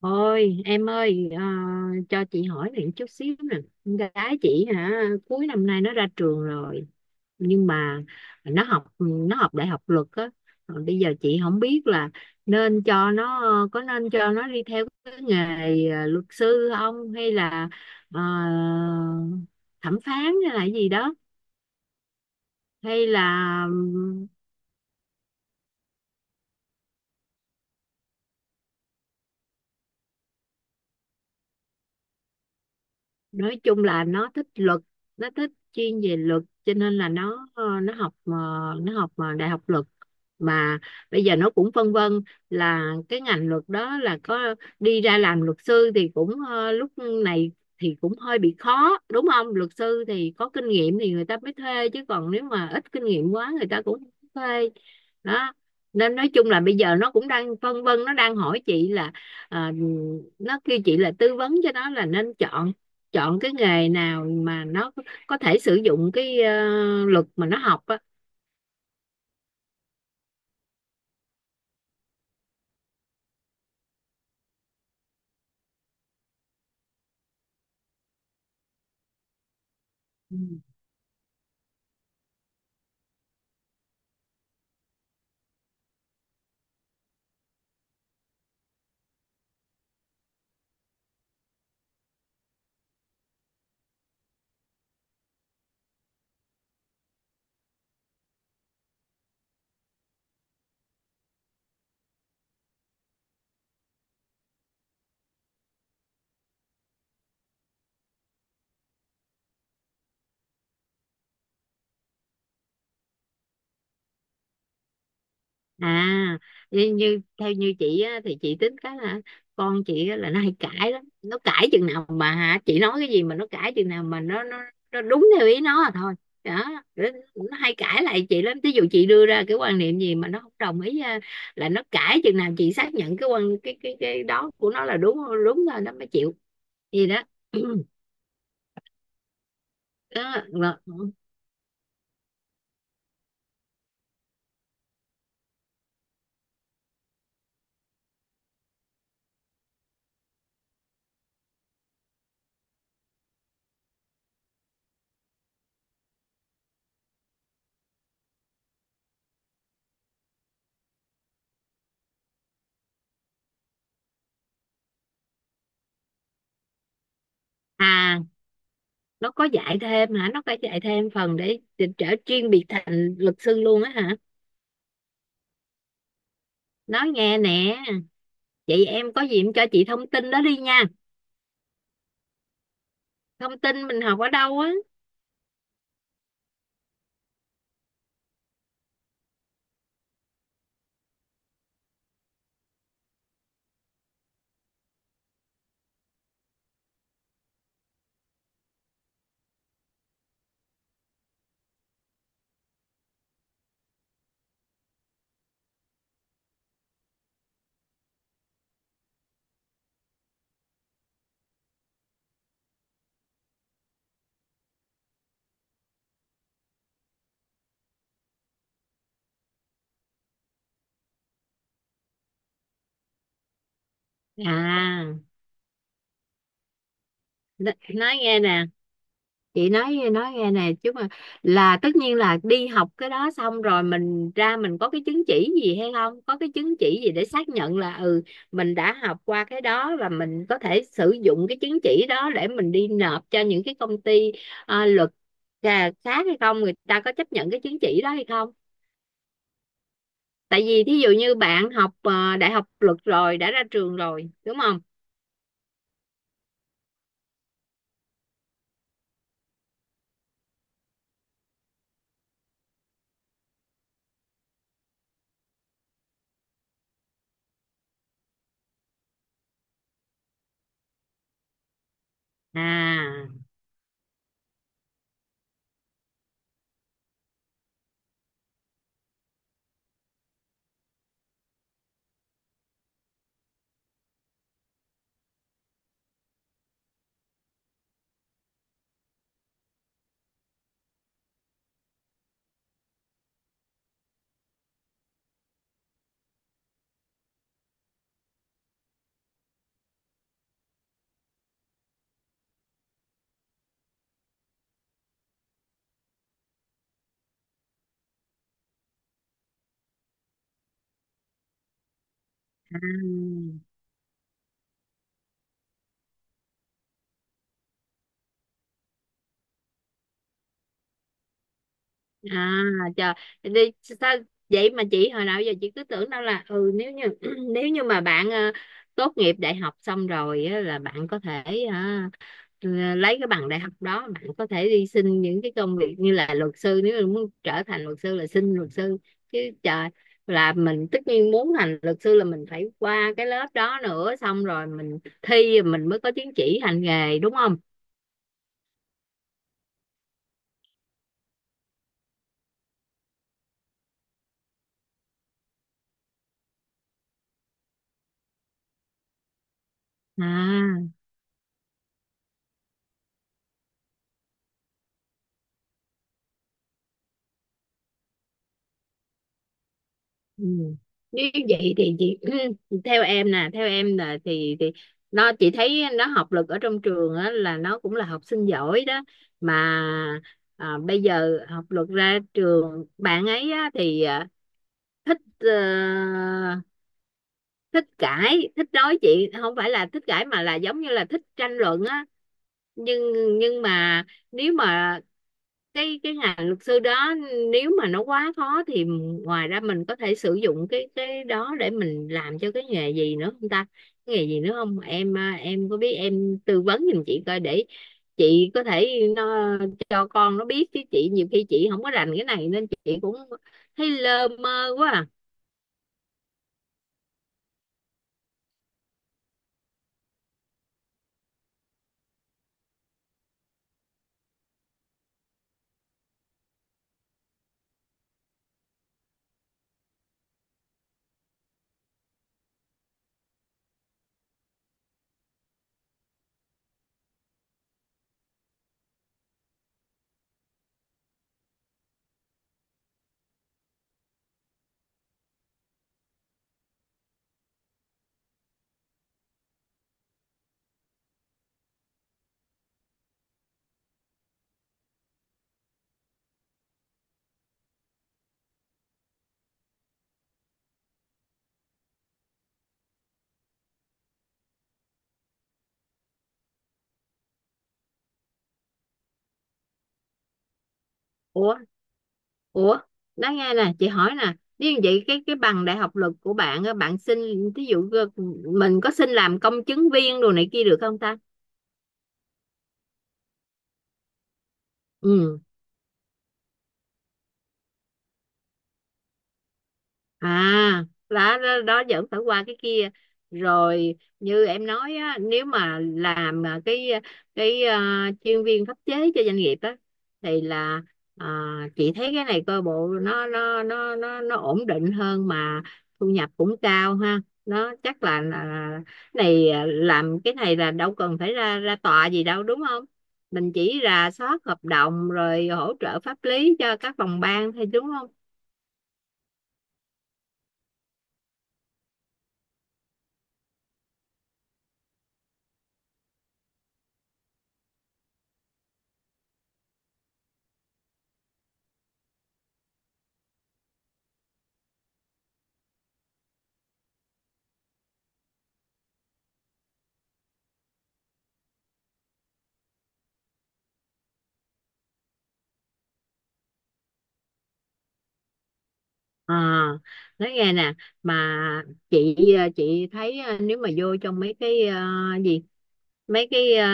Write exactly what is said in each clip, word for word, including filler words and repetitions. Ôi em ơi, ờ, cho chị hỏi này chút xíu nè. Con gái chị hả, cuối năm nay nó ra trường rồi, nhưng mà nó học nó học đại học luật á. Rồi bây giờ chị không biết là nên cho nó, có nên cho nó đi theo cái nghề ờ, luật sư không, hay là ờ, thẩm phán hay là gì đó, hay là nói chung là nó thích luật, nó thích chuyên về luật, cho nên là nó ờ, nó học ờ, nó học ờ, đại học luật. Mà bây giờ nó cũng phân vân là cái ngành luật đó là có, đi ra làm luật sư thì cũng ờ, lúc này thì cũng hơi bị khó, đúng không? Luật sư thì có kinh nghiệm thì người ta mới thuê, chứ còn nếu mà ít kinh nghiệm quá người ta cũng không thuê đó. Nên nói chung là bây giờ nó cũng đang phân vân, nó đang hỏi chị là, ờ, nó kêu chị là tư vấn cho nó là nên chọn, chọn cái nghề nào mà nó có thể sử dụng cái ờ, luật mà nó học á. Ừ. À, như, như theo như chị á, thì chị tính cái là con chị á, là nó hay cãi lắm, nó cãi chừng nào mà, hả, chị nói cái gì mà nó cãi chừng nào mà nó nó, nó đúng theo ý nó là thôi đó. nó nó hay cãi lại chị lắm, ví dụ chị đưa ra cái quan niệm gì mà nó không đồng ý á, là nó cãi chừng nào chị xác nhận cái quan cái cái cái đó của nó là đúng, đúng rồi nó mới chịu gì đó. Đó, rồi. À, nó có dạy thêm hả, nó có dạy thêm phần để để trở chuyên biệt thành luật sư luôn á hả? Nói nghe nè, vậy em có gì em cho chị thông tin đó đi nha, thông tin mình học ở đâu á. À, n- nói nghe nè, chị nói nói nghe nè chứ mà, là tất nhiên là đi học cái đó xong rồi mình ra mình có cái chứng chỉ gì hay không, có cái chứng chỉ gì để xác nhận là, ừ, mình đã học qua cái đó và mình có thể sử dụng cái chứng chỉ đó để mình đi nộp cho những cái công ty ờ, luật à, khác hay không, người ta có chấp nhận cái chứng chỉ đó hay không? Tại vì thí dụ như bạn học ờ, đại học luật rồi đã ra trường rồi đúng không. À. Ừ. À, trời, đi sao? Vậy mà chị hồi nào giờ chị cứ tưởng đâu là, ừ, nếu như nếu như mà bạn ờ, tốt nghiệp đại học xong rồi á, là bạn có thể hả, ờ, ừ, lấy cái bằng đại học đó bạn có thể đi xin những cái công việc như là luật sư, nếu mà muốn trở thành luật sư là xin luật sư, chứ trời. Là mình tất nhiên muốn thành luật sư là mình phải qua cái lớp đó nữa, xong rồi mình thi mình mới có chứng chỉ hành nghề, đúng không? À. Ừ. Nếu vậy thì chị, theo em nè, theo em là thì thì nó, chị thấy nó học lực ở trong trường á, là nó cũng là học sinh giỏi đó mà. À, bây giờ học lực ra trường bạn ấy á, thì à, thích ờ, thích cãi, thích nói chuyện, không phải là thích cãi mà là giống như là thích tranh luận á. nhưng nhưng mà nếu mà cái cái ngành luật sư đó, nếu mà nó quá khó thì ngoài ra mình có thể sử dụng cái cái đó để mình làm cho cái nghề gì nữa không ta? Cái nghề gì nữa không em, à, em có biết em tư vấn giùm chị coi để chị có thể nó cho con nó biết, chứ chị nhiều khi chị không có rành cái này nên chị cũng thấy lơ mơ quá à. Ủa Ủa, nói nghe nè, chị hỏi nè, nếu như vậy cái cái bằng đại học luật của bạn á, bạn xin, thí dụ ờ, mình có xin làm công chứng viên đồ này kia được không ta? Ừ. À, đó, đó, đó vẫn phải qua cái kia. Rồi như em nói á, nếu mà làm à, cái cái à, chuyên viên pháp chế cho doanh nghiệp á thì là à, chị thấy cái này coi bộ nó nó nó nó nó ổn định hơn mà thu nhập cũng cao ha, nó chắc là, là này à, làm cái này là đâu cần phải ra ra tòa gì đâu đúng không, mình chỉ rà soát hợp đồng rồi hỗ trợ pháp lý cho các phòng ban thôi đúng không? À, nói nghe nè, mà chị ờ, chị thấy ờ, nếu mà vô trong mấy cái ờ, gì, mấy cái ờ,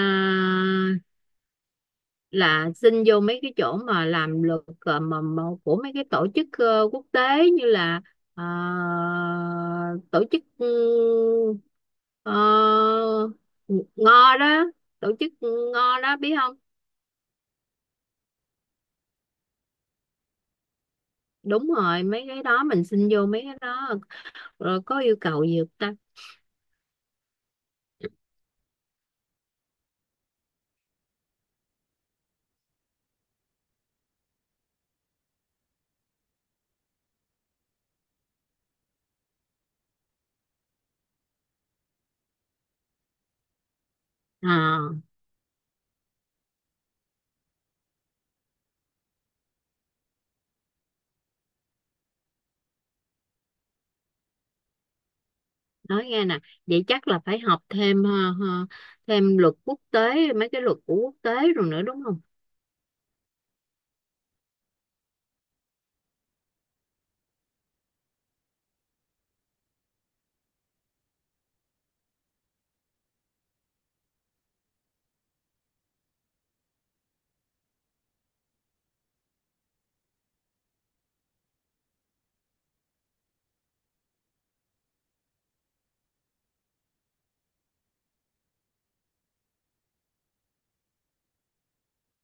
là xin vô mấy cái chỗ mà làm luật ờ, mà, mà của mấy cái tổ chức ờ, quốc tế, như là ờ, tổ chức uh, en gi âu đó, tổ chức en gi âu đó biết không? Đúng rồi, mấy cái đó mình xin vô mấy cái đó rồi có yêu cầu gì không ta? À, nói nghe nè, vậy chắc là phải học thêm ờ, ờ, thêm luật quốc tế, mấy cái luật của quốc tế rồi nữa đúng không?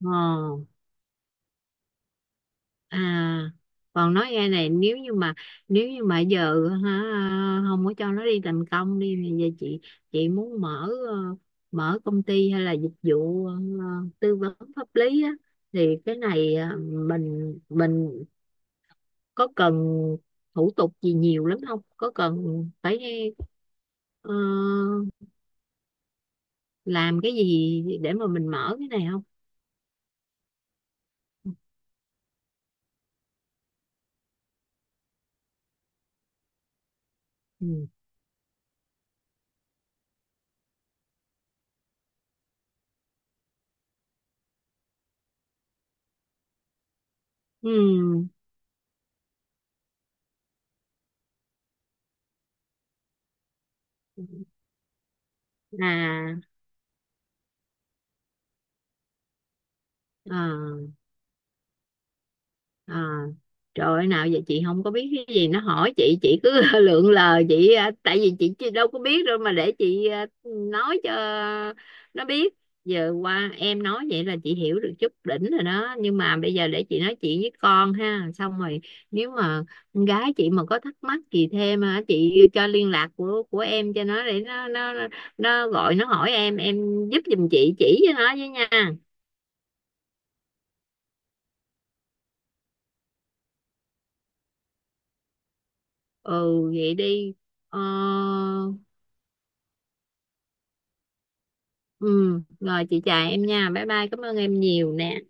Ờ. À, còn nói nghe này, nếu như mà, nếu như mà giờ hả, không có cho nó đi làm công đi thì giờ chị chị muốn mở ờ, mở công ty hay là dịch vụ ờ, tư vấn pháp lý á, thì cái này ờ, mình mình có cần thủ tục gì nhiều lắm không, có cần phải ờ, làm cái gì để mà mình mở cái này không? Ừ. Ừ. À. Ờ. À, trời ơi nào, vậy chị không có biết cái gì, nó hỏi chị chị cứ lượn lờ, chị à, tại vì chị, chị đâu có biết đâu mà để chị à, nói cho nó biết. Giờ qua em nói vậy là chị hiểu được chút đỉnh rồi đó, nhưng mà bây giờ để chị nói chuyện với con ha, xong rồi nếu mà con gái chị mà có thắc mắc gì thêm hả, chị cho liên lạc của của em cho nó để nó nó nó nó gọi nó hỏi em em giúp giùm chị chỉ cho nó với nha. Ừ vậy đi. Ờ. Ừ rồi, chị chào em nha, bye bye, cảm ơn em nhiều nè.